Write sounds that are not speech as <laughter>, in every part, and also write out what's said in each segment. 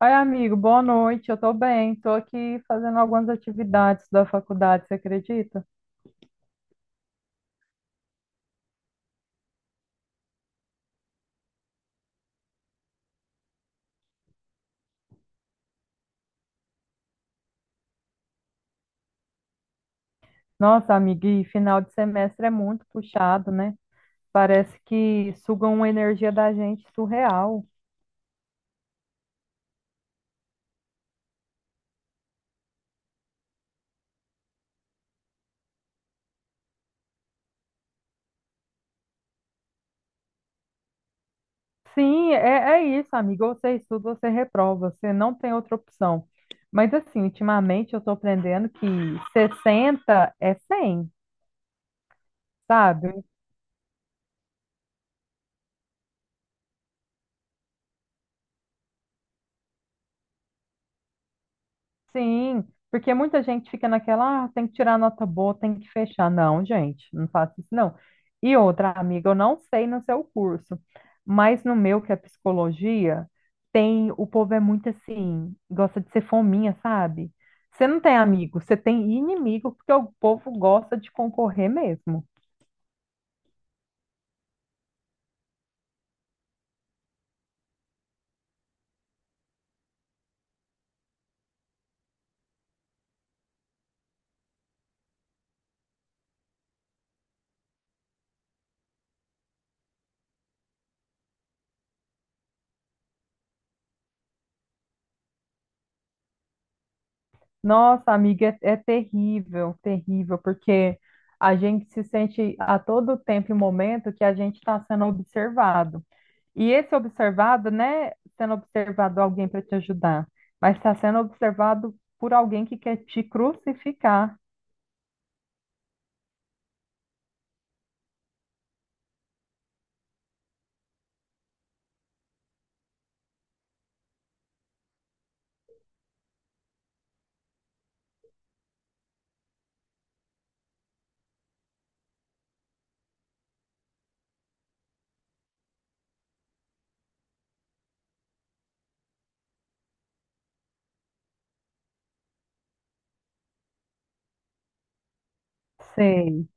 Oi, amigo, boa noite. Eu tô bem, tô aqui fazendo algumas atividades da faculdade, você acredita? Nossa, amigo, e final de semestre é muito puxado, né? Parece que sugam uma energia da gente surreal. Sim, é, é isso, amigo. Ou você estuda, ou você reprova. Você não tem outra opção. Mas, assim, ultimamente eu estou aprendendo que 60 é 100, sabe? Sim, porque muita gente fica naquela, ah, tem que tirar nota boa, tem que fechar. Não, gente, não faço isso, não. E outra, amiga, eu não sei no seu curso, mas no meu, que é psicologia, tem, o povo é muito assim, gosta de ser fominha, sabe? Você não tem amigo, você tem inimigo, porque o povo gosta de concorrer mesmo. Nossa, amiga, é, é terrível, terrível, porque a gente se sente a todo tempo e momento que a gente está sendo observado. E esse observado, né, sendo observado alguém para te ajudar, mas está sendo observado por alguém que quer te crucificar. Sei.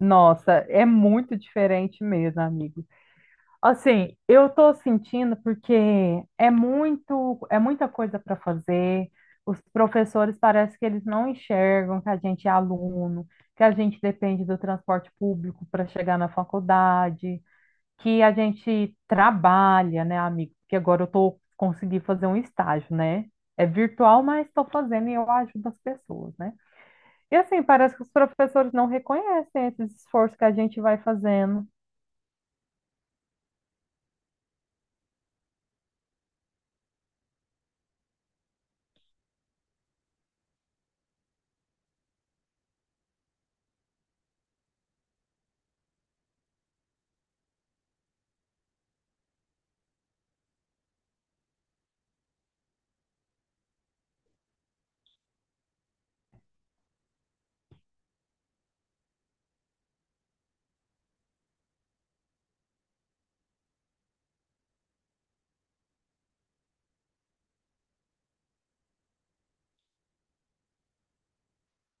Nossa, é muito diferente mesmo, amigo. Assim, eu tô sentindo porque é muito, é muita coisa para fazer. Os professores parece que eles não enxergam que a gente é aluno, que a gente depende do transporte público para chegar na faculdade, que a gente trabalha, né, amigo? Porque agora eu tô consegui fazer um estágio, né? É virtual, mas estou fazendo e eu ajudo as pessoas, né? E assim, parece que os professores não reconhecem esses esforços que a gente vai fazendo.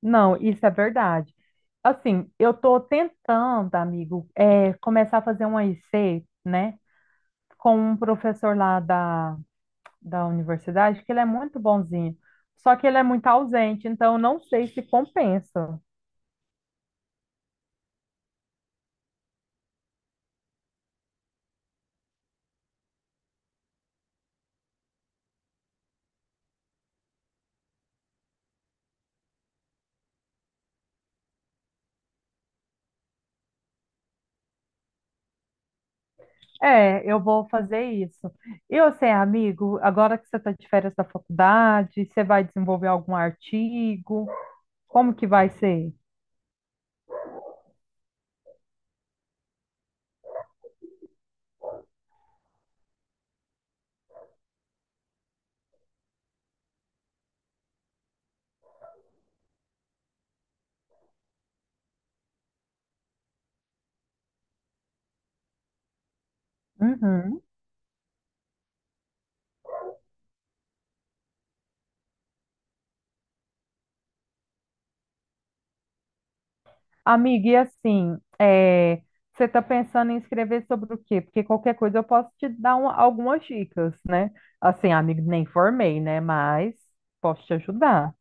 Não, isso é verdade. Assim, eu estou tentando, amigo, é, começar a fazer uma IC, né? Com um professor lá da universidade, que ele é muito bonzinho. Só que ele é muito ausente, então eu não sei se compensa. É, eu vou fazer isso. E você, amigo, agora que você está de férias da faculdade, você vai desenvolver algum artigo? Como que vai ser? Uhum. Amiga, e assim, é, você está pensando em escrever sobre o quê? Porque qualquer coisa eu posso te dar algumas dicas, né? Assim, amigo, nem formei, né? Mas posso te ajudar.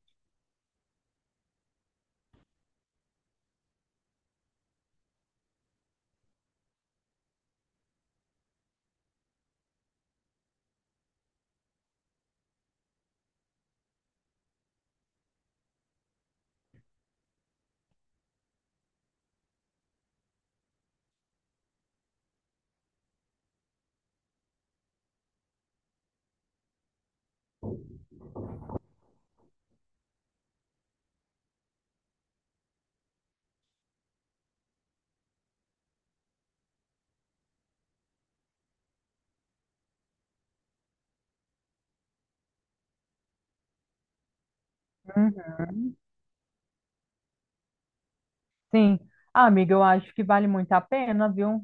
Uhum. Sim. Ah, amiga, eu acho que vale muito a pena, viu?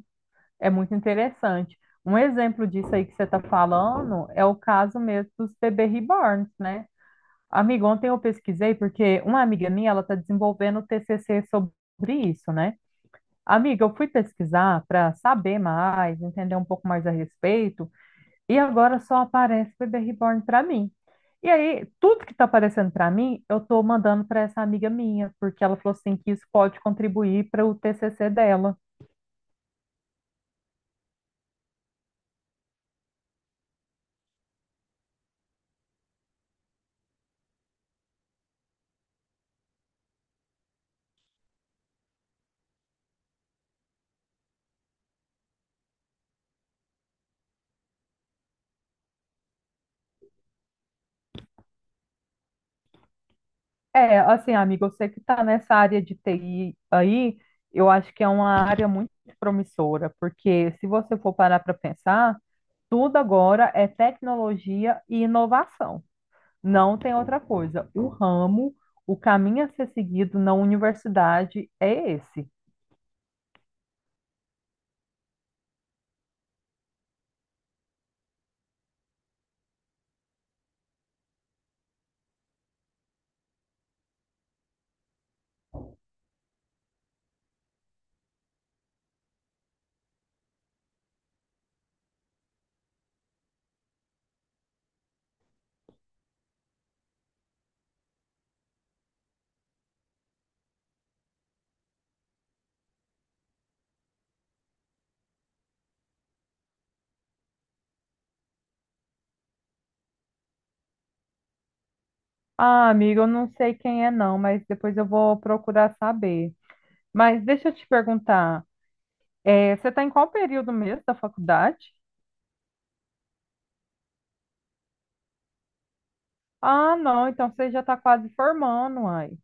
É muito interessante. Um exemplo disso aí que você está falando é o caso mesmo dos bebê reborns, né? Amiga, ontem eu pesquisei porque uma amiga minha, ela está desenvolvendo o TCC sobre isso, né? Amiga, eu fui pesquisar para saber mais, entender um pouco mais a respeito, e agora só aparece Bebê Reborn para mim. E aí, tudo que está aparecendo para mim, eu estou mandando para essa amiga minha, porque ela falou assim que isso pode contribuir para o TCC dela. É, assim, amiga, eu sei que está nessa área de TI aí, eu acho que é uma área muito promissora, porque se você for parar para pensar, tudo agora é tecnologia e inovação. Não tem outra coisa. O ramo, o caminho a ser seguido na universidade é esse. Ah, amiga, eu não sei quem é não, mas depois eu vou procurar saber. Mas deixa eu te perguntar, eh, você está em qual período mesmo da faculdade? Ah, não, então você já está quase formando, ai.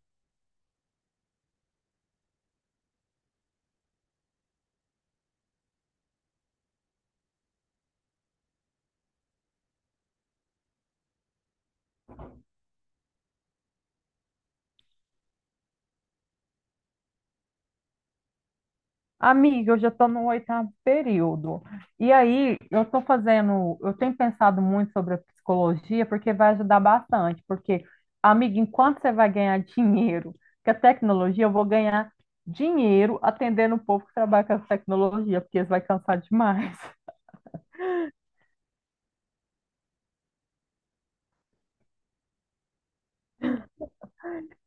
Amiga, eu já estou no oitavo período. E aí, eu estou fazendo, eu tenho pensado muito sobre a psicologia, porque vai ajudar bastante. Porque, amiga, enquanto você vai ganhar <laughs> dinheiro com a tecnologia, eu vou ganhar dinheiro atendendo o povo que trabalha com a tecnologia, porque eles vão cansar demais. <laughs>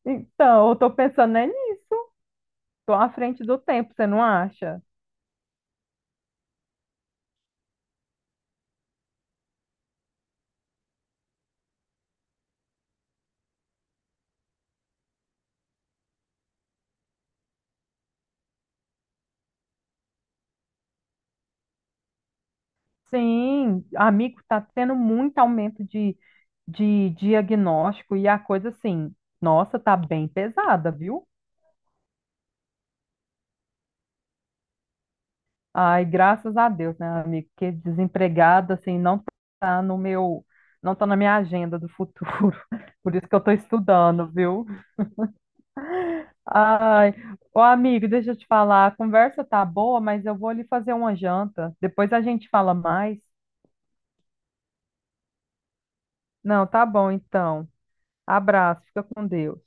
Então, eu estou pensando é nisso, tô à frente do tempo, você não acha? Sim, amigo, está tendo muito aumento de diagnóstico e a coisa assim, nossa, tá bem pesada, viu? Ai, graças a Deus, né, amigo? Porque desempregada, assim, não tá no meu, não tá na minha agenda do futuro. <laughs> Por isso que eu tô estudando, viu? Ai, ô amigo, deixa eu te falar, a conversa tá boa, mas eu vou ali fazer uma janta. Depois a gente fala mais. Não, tá bom, então. Abraço, fica com Deus.